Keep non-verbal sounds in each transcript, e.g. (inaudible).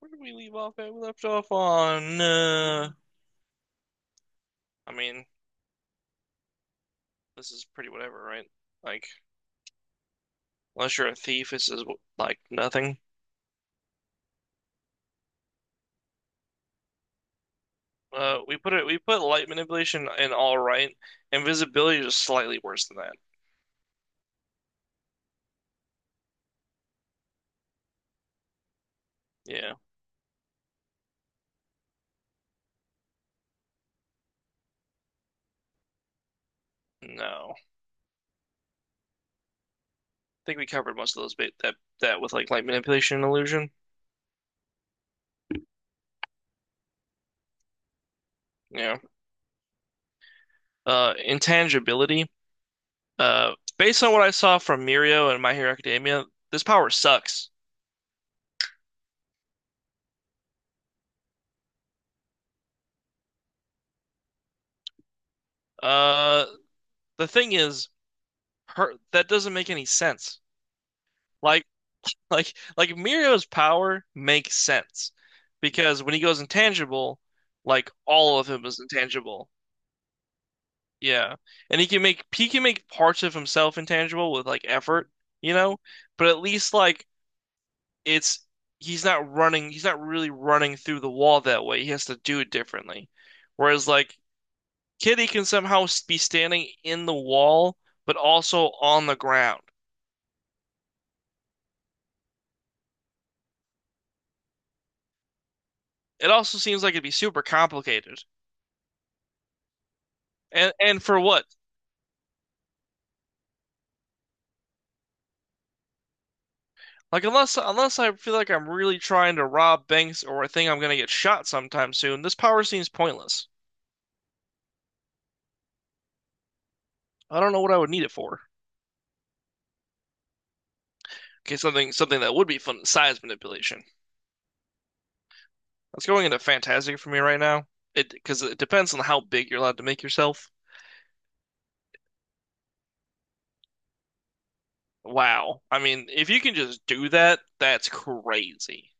Where did we leave off at? We left off on. I mean, this is pretty whatever, right? Like, unless you're a thief, this is like nothing. We put it. We put light manipulation in, all right. Invisibility is just slightly worse than that. Yeah. No. I think we covered most of those bit that with like light manipulation and illusion. Yeah. Intangibility. Based on what I saw from Mirio and My Hero Academia, this power sucks. Uh, the thing is, her, that doesn't make any sense. Like (laughs) Like Mirio's power makes sense because when he goes intangible, like all of him is intangible. Yeah. And he can make parts of himself intangible with like effort, you know? But at least like it's he's not really running through the wall that way. He has to do it differently. Whereas like Kitty can somehow be standing in the wall but also on the ground. It also seems like it'd be super complicated. And for what? Like unless I feel like I'm really trying to rob banks or I think I'm gonna get shot sometime soon, this power seems pointless. I don't know what I would need it for. Okay, something that would be fun, size manipulation. That's going into fantastic for me right now. It depends on how big you're allowed to make yourself. Wow. I mean, if you can just do that, that's crazy.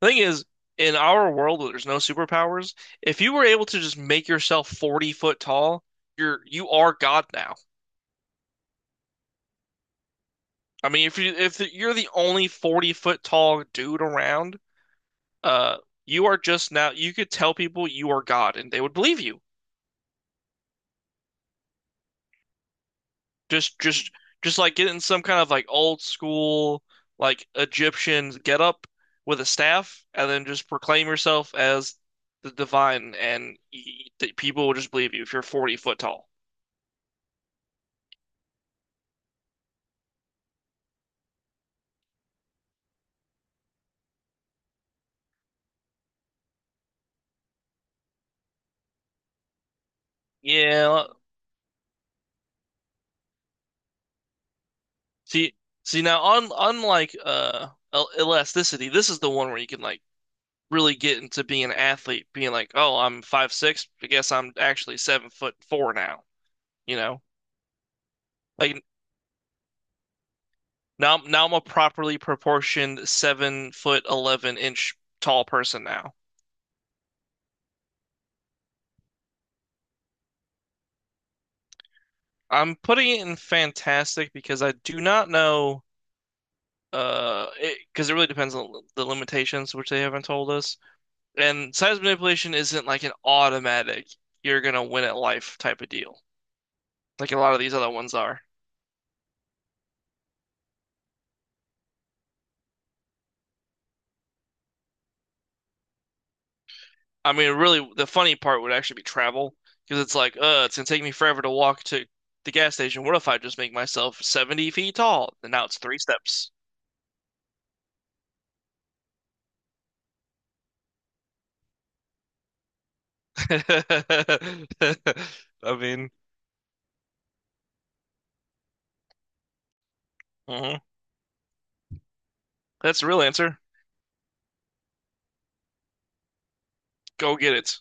The thing is, in our world where there's no superpowers, if you were able to just make yourself 40-foot tall, you are God now. I mean, if you're the only 40-foot tall dude around, uh, you are just now you could tell people you are God and they would believe you. Just just just like getting some kind of like old school like Egyptian get up with a staff and then just proclaim yourself as the divine and people will just believe you if you're 40-foot tall. Yeah. See see now on unlike elasticity, this is the one where you can like really get into being an athlete, being like, oh, I'm 5'6", I guess I'm actually 7'4" now, you know? Like now I'm a properly proportioned 7'11" tall person now. I'm putting it in fantastic because I do not know it because it really depends on the limitations, which they haven't told us. And size manipulation isn't like an automatic you're gonna win at life type of deal, like a lot of these other ones are. I mean, really, the funny part would actually be travel because it's like, it's gonna take me forever to walk to the gas station. What if I just make myself 70 feet tall? And now it's three steps. (laughs) I mean, mhm. That's the real answer. Go get it.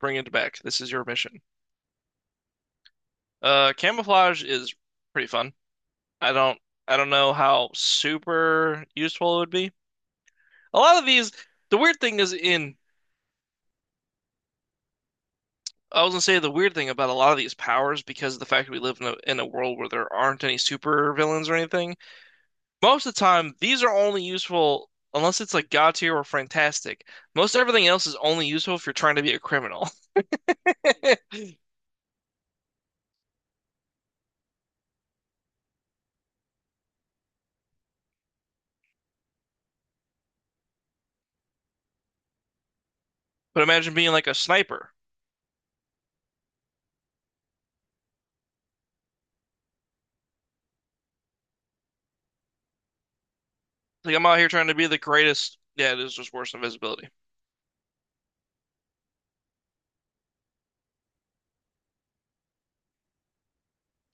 Bring it back. This is your mission. Camouflage is pretty fun. I don't, I don't know how super useful it would be. A lot of these, the weird thing is in I was gonna say the weird thing about a lot of these powers, because of the fact that we live in a world where there aren't any super villains or anything, most of the time these are only useful unless it's like God tier or fantastic. Most everything else is only useful if you're trying to be a criminal. (laughs) But imagine being like a sniper. Like I'm out here trying to be the greatest. Yeah, it is just worse than invisibility.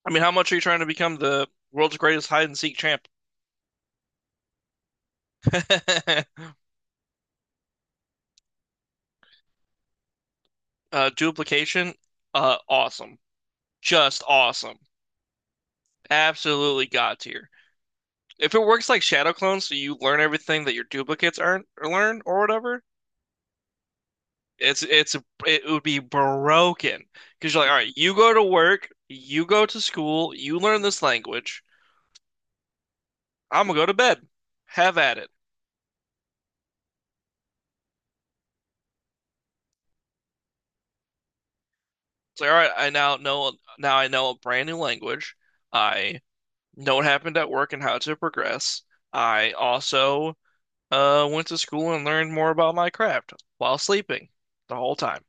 I mean, how much are you trying to become the world's greatest hide and seek champ? (laughs) Duplication, awesome, just awesome, absolutely God tier. If it works like Shadow Clone, so you learn everything that your duplicates aren't or learn or whatever, it's it's it would be broken because you're like, all right, you go to work, you go to school, you learn this language. I'm gonna go to bed. Have at it. It's like, all right, I now know now I know a brand new language. I know what happened at work and how to progress. I also went to school and learned more about my craft while sleeping the whole time.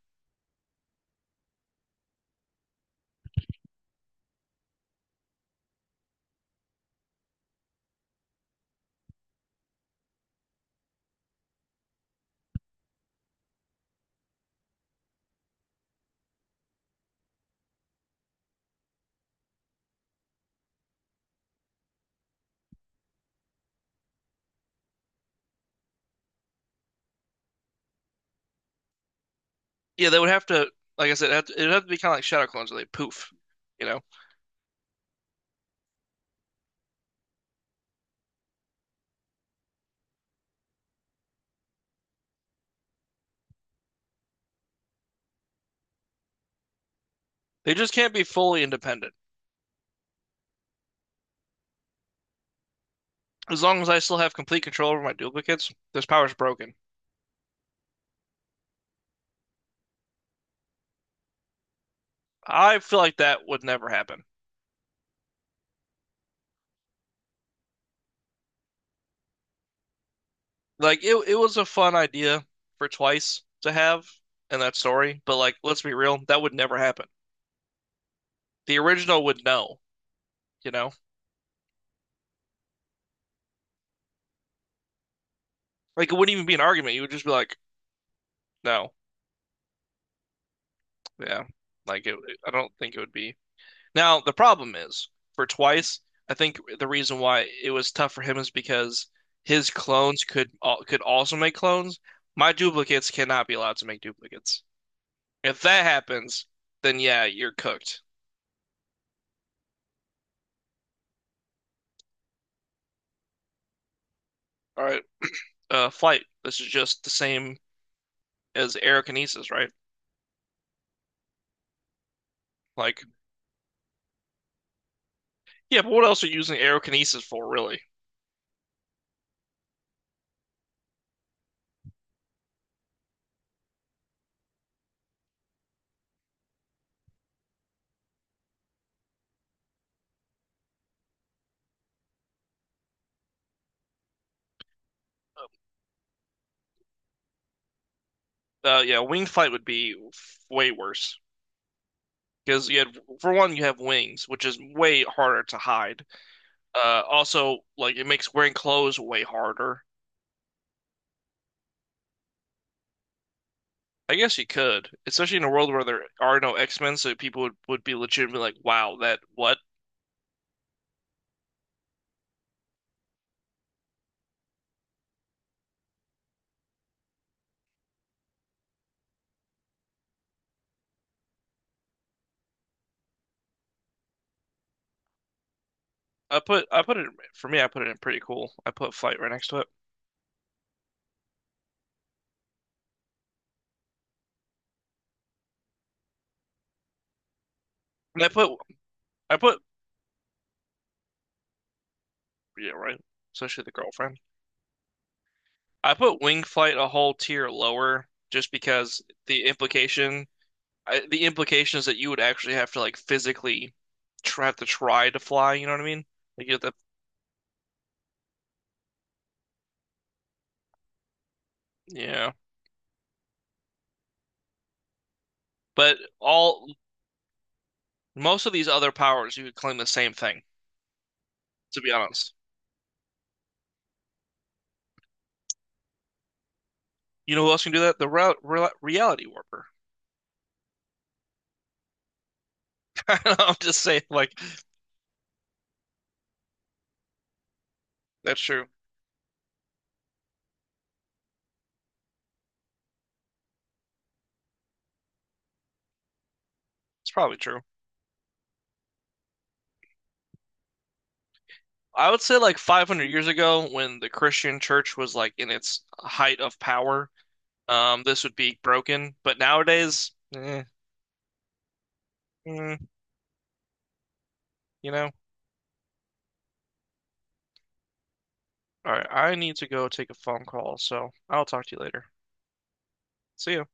Yeah, they would have to, like I said, it'd have to be kind of like shadow clones where they poof, you know? They just can't be fully independent. As long as I still have complete control over my duplicates, this power's broken. I feel like that would never happen. Like it was a fun idea for Twice to have in that story, but like, let's be real, that would never happen. The original would know, you know? Like it wouldn't even be an argument. You would just be like, no, yeah. Like I don't think it would be. Now, the problem is for Twice, I think the reason why it was tough for him is because his clones could could also make clones. My duplicates cannot be allowed to make duplicates. If that happens, then yeah, you're cooked. All right, flight. This is just the same as aerokinesis, right? Like, yeah, but what else are you using aerokinesis for, really? Yeah, winged flight would be way worse because you had, for one, you have wings, which is way harder to hide. Also, like it makes wearing clothes way harder. I guess you could, especially in a world where there are no X-Men, so people would be legitimately like, "Wow, that what?" I put it for me. I put it in pretty cool. I put flight right next to it, and I put yeah, right, especially the girlfriend. I put wing flight a whole tier lower just because the implication is that you would actually have to like physically have to try to fly. You know what I mean? Like, you have to. Yeah. But all most of these other powers, you could claim the same thing, to be honest. You know who else can do that? The re re reality warper. (laughs) I'm just saying, like, that's true. It's probably true. I would say, like, 500 years ago, when the Christian church was, like, in its height of power, this would be broken. But nowadays, mm, you know? All right, I need to go take a phone call, so I'll talk to you later. See you.